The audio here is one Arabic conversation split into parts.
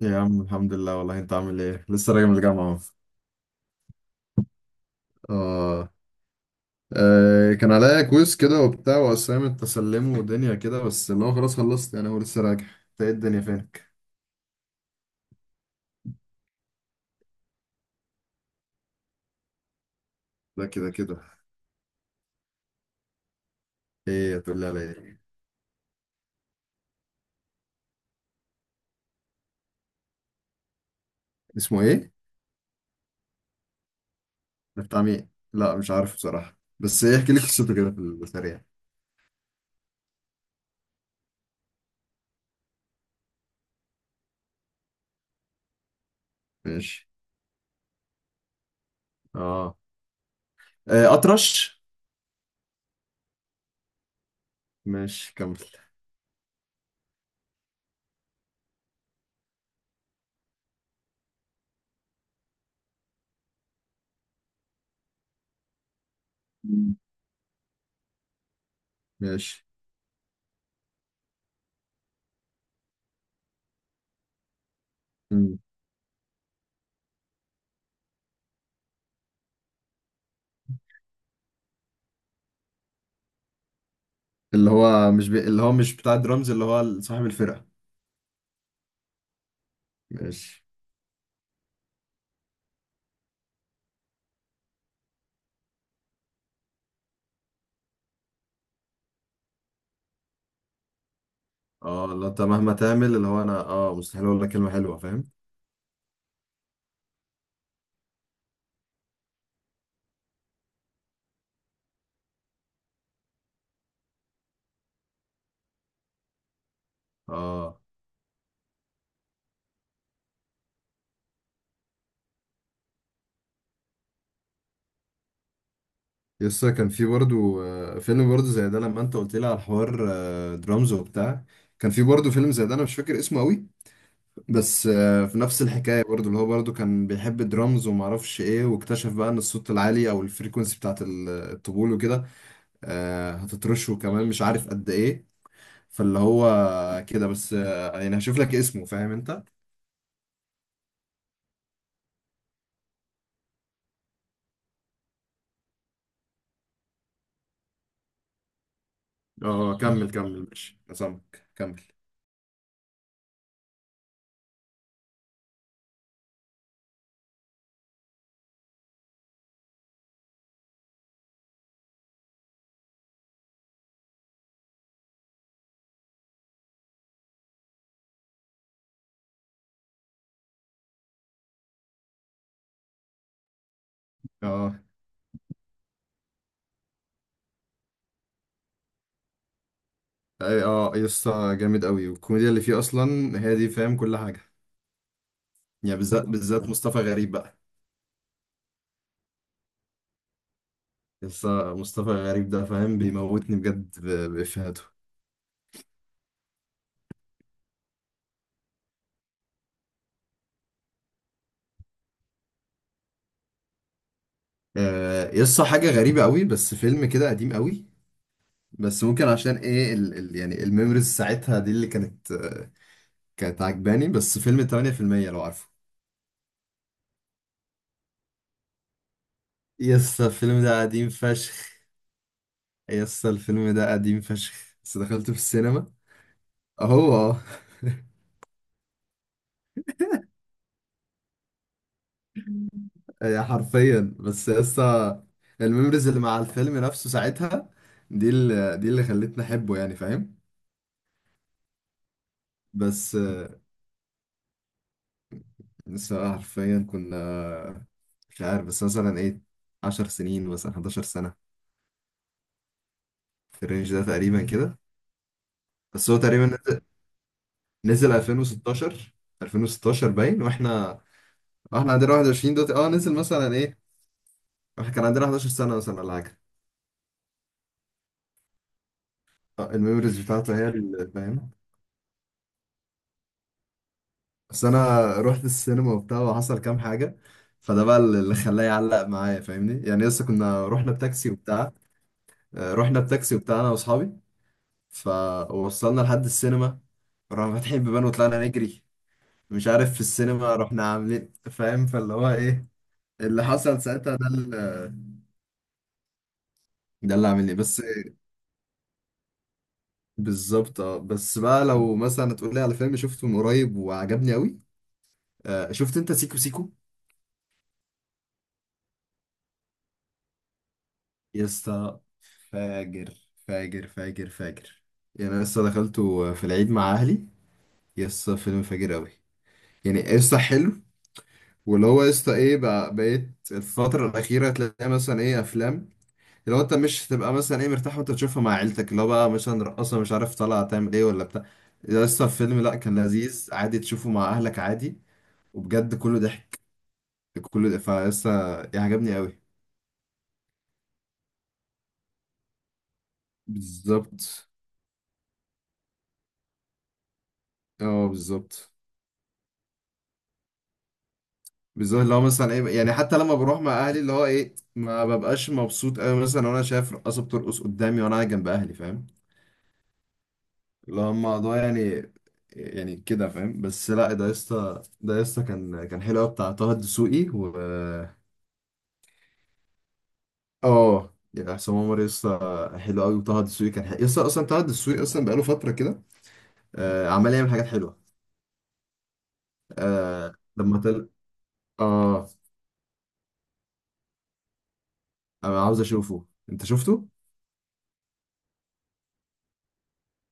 يا عم الحمد لله، والله انت عامل ايه؟ لسه راجع من الجامعة اهو. اه كان عليا كويز كده وبتاع واسايمنت تسلمه ودنيا كده، بس اللي هو خلاص خلصت يعني. هو لسه راجع؟ انت ايه الدنيا؟ فينك؟ لا كده كده. ايه هتقول لي؟ على ايه؟ اسمه ايه؟ ده بتاع مين؟ لا مش عارف بصراحة، بس ايه احكي لي قصته كده في السريع. ماشي. اه اطرش. ماشي كمل. مم. ماشي. مم. اللي هو مش بتاع درامز، اللي هو صاحب الفرقة. ماشي. اه اللي انت مهما تعمل اللي هو، انا اه مستحيل اقول لك كلمه حلوه، فاهم؟ اه. يسا كان في برضو فيلم برضو زي ده لما انت قلت لي على الحوار درامز وبتاع. كان في برضو فيلم زي ده، انا مش فاكر اسمه قوي، بس في نفس الحكايه برضو، اللي هو برضو كان بيحب الدرامز وما اعرفش ايه، واكتشف بقى ان الصوت العالي او الفريكونسي بتاعت الطبول وكده. هتترشه كمان مش عارف قد ايه. فاللي هو كده بس، يعني هشوف لك اسمه، فاهم انت؟ اه كمل ماشي، أنا سامعك كمل. اه. اه يا اسطى، جامد قوي. والكوميديا اللي فيه اصلا هي دي، فاهم؟ كل حاجه، يعني بالذات مصطفى غريب بقى. يا اسطى مصطفى غريب ده فاهم، بيموتني بجد بافيهاته. آه يا اسطى، حاجه غريبه قوي، بس فيلم كده قديم قوي، بس ممكن عشان ايه ال يعني الميموريز ساعتها دي اللي كانت كانت عجباني، بس فيلم 8%، لو عارفه. يا اسطى الفيلم ده قديم فشخ. يا اسطى الفيلم ده قديم فشخ، بس دخلته في السينما اهو اه. هي حرفيا، بس لسه الميموريز اللي مع الفيلم نفسه ساعتها، دي اللي خلتني احبه يعني، فاهم؟ بس لسه حرفيا كنا، مش عارف، بس مثلا ايه 10 سنين مثلا، 11 سنة، في الرينج ده تقريبا كده. بس هو تقريبا نزل، نزل 2016. 2016 باين، واحنا عندنا 21 دلوقتي، اه. نزل مثلا ايه، احنا كان عندنا 11 سنة مثلا ولا حاجة. الميموريز بتاعته هي اللي فاهم. بس انا رحت السينما وبتاع، وحصل كام حاجه، فده بقى اللي خلاه يعلق معايا فاهمني يعني. لسه كنا رحنا بتاكسي وبتاع، رحنا بتاكسي وبتاع انا واصحابي، فوصلنا لحد السينما، رحنا فاتحين بيبان وطلعنا نجري، مش عارف في السينما رحنا عاملين إيه، فاهم؟ فاللي هو ايه، اللي حصل ساعتها، ده اللي عاملني. بس بالظبط، اه. بس بقى لو مثلا تقول لي على فيلم شفته من قريب وعجبني قوي، شفت انت سيكو سيكو؟ يا اسطى، فاجر فاجر فاجر. يعني انا لسه دخلته في العيد مع اهلي، يا اسطى فيلم فاجر قوي. يعني قصة حلو. واللي هو قصة ايه بقى، بقيت الفترة الأخيرة تلاقي مثلا ايه أفلام، اللي هو أنت مش هتبقى مثلا ايه مرتاح وأنت تشوفها مع عيلتك، اللي هو بقى مثلا رقاصة مش عارف طالعة تعمل ايه ولا بتاع. ده لسه الفيلم لأ، كان لذيذ عادي تشوفه مع أهلك عادي، وبجد كله ضحك، كله ضحك. فلسه عجبني قوي بالظبط، اه بالظبط. بالظبط اللي هو مثلا ايه، يعني حتى لما بروح مع اهلي اللي هو ايه، ما ببقاش مبسوط قوي مثلا وانا شايف رقاصه بترقص قدامي وانا قاعد جنب اهلي، فاهم؟ اللي هو الموضوع يعني، يعني كده فاهم. بس لا ده يسطا، ده يسطا كان حلو قوي، بتاع طه الدسوقي و اه يعني حسام عمر، يسطا حلو قوي. وطه الدسوقي كان حلو يسطا، اصلا طه الدسوقي اصلا بقاله فتره كده آه عمال يعمل حاجات حلوه. آه لما تل اه انا عاوز اشوفه، انت شفته؟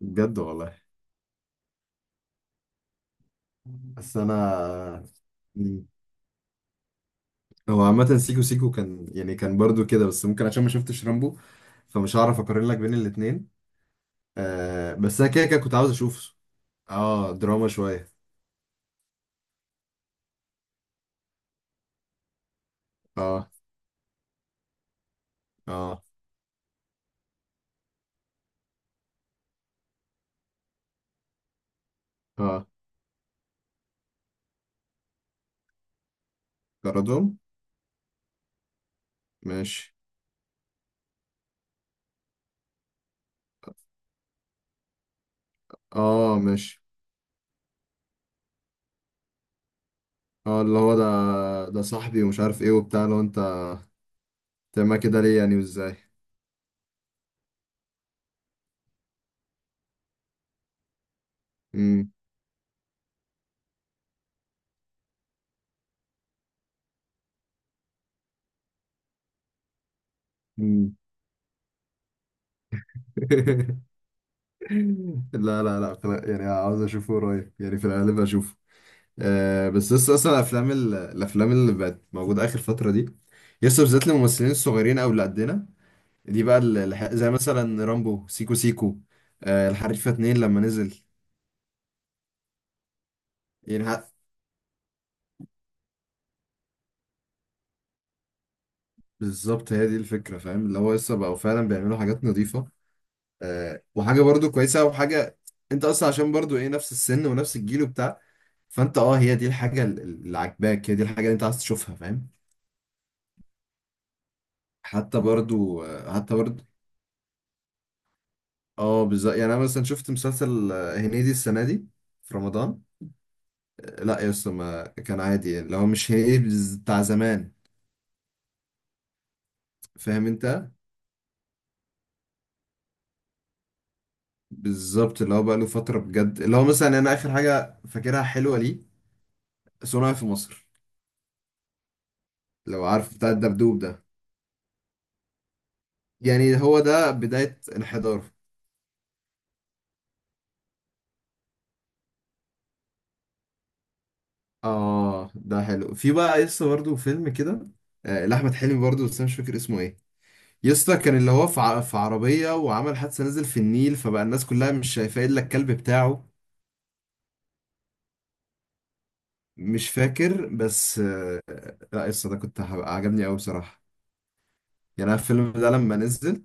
بجد والله. بس انا، هو عامة سيكو سيكو كان يعني كان برضو كده، بس ممكن عشان ما شفتش رامبو فمش هعرف اقارن لك بين الاتنين. آه بس انا كده كده كنت عاوز اشوف. اه دراما شوية. اه اه اه كاردوم. ماشي. اه. ماشي. اه اللي هو ده صاحبي ومش عارف ايه وبتاع، لو انت تعمل كده ليه يعني وازاي. امم. أمم. لا لا لا، يعني عاوز اشوفه قريب، يعني في الغالب اشوفه. آه بس لسه اصلا الافلام الافلام اللي بقت موجوده اخر فتره دي، لسه بالذات الممثلين الصغيرين او اللي قدنا دي بقى زي مثلا رامبو، سيكو سيكو، آه الحريفه اتنين لما نزل. يعني ح- بالظبط هي دي الفكره فاهم، اللي هو لسه بقوا فعلا بيعملوا حاجات نظيفه وحاجه برضو كويسه وحاجه. انت اصلا عشان برضو ايه نفس السن ونفس الجيل وبتاع، فانت اه هي دي الحاجه اللي عاجباك، هي دي الحاجه اللي انت عايز تشوفها، فاهم؟ حتى برضو اه بالظبط. يعني انا مثلا شفت مسلسل هنيدي السنه دي في رمضان، لا يا اسطى ما كان عادي، اللي هو مش هنيدي بتاع زمان، فاهم انت؟ بالظبط اللي هو بقى له فتره بجد، اللي هو مثلا انا اخر حاجه فاكرها حلوه ليه، صنع في مصر، لو عارف بتاع الدبدوب ده، يعني هو ده بدايه الحضاره. اه ده حلو. في بقى يسطا برضه فيلم كده، لأحمد حلمي برضه، بس انا مش فاكر اسمه ايه. يسطا كان اللي هو في في عربية وعمل حادثة، نزل في النيل، فبقى الناس كلها مش شايفة الا الكلب بتاعه. مش فاكر، بس لا يس ده كنت هبقى عجبني قوي بصراحه. يعني أنا الفيلم ده لما نزل،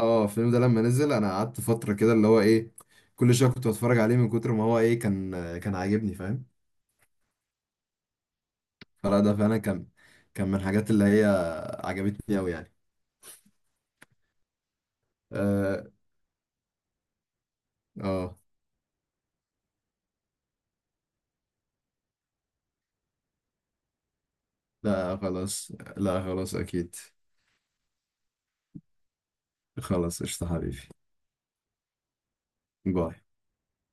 اه الفيلم ده لما نزل انا قعدت فتره كده اللي هو ايه، كل شويه كنت بتفرج عليه من كتر ما هو ايه، كان كان عاجبني فاهم. فلا ده فعلا كان من الحاجات اللي هي عجبتني قوي يعني. اه. آه، لا خلاص، لا خلاص اكيد. خلاص قشطه حبيبي. باي.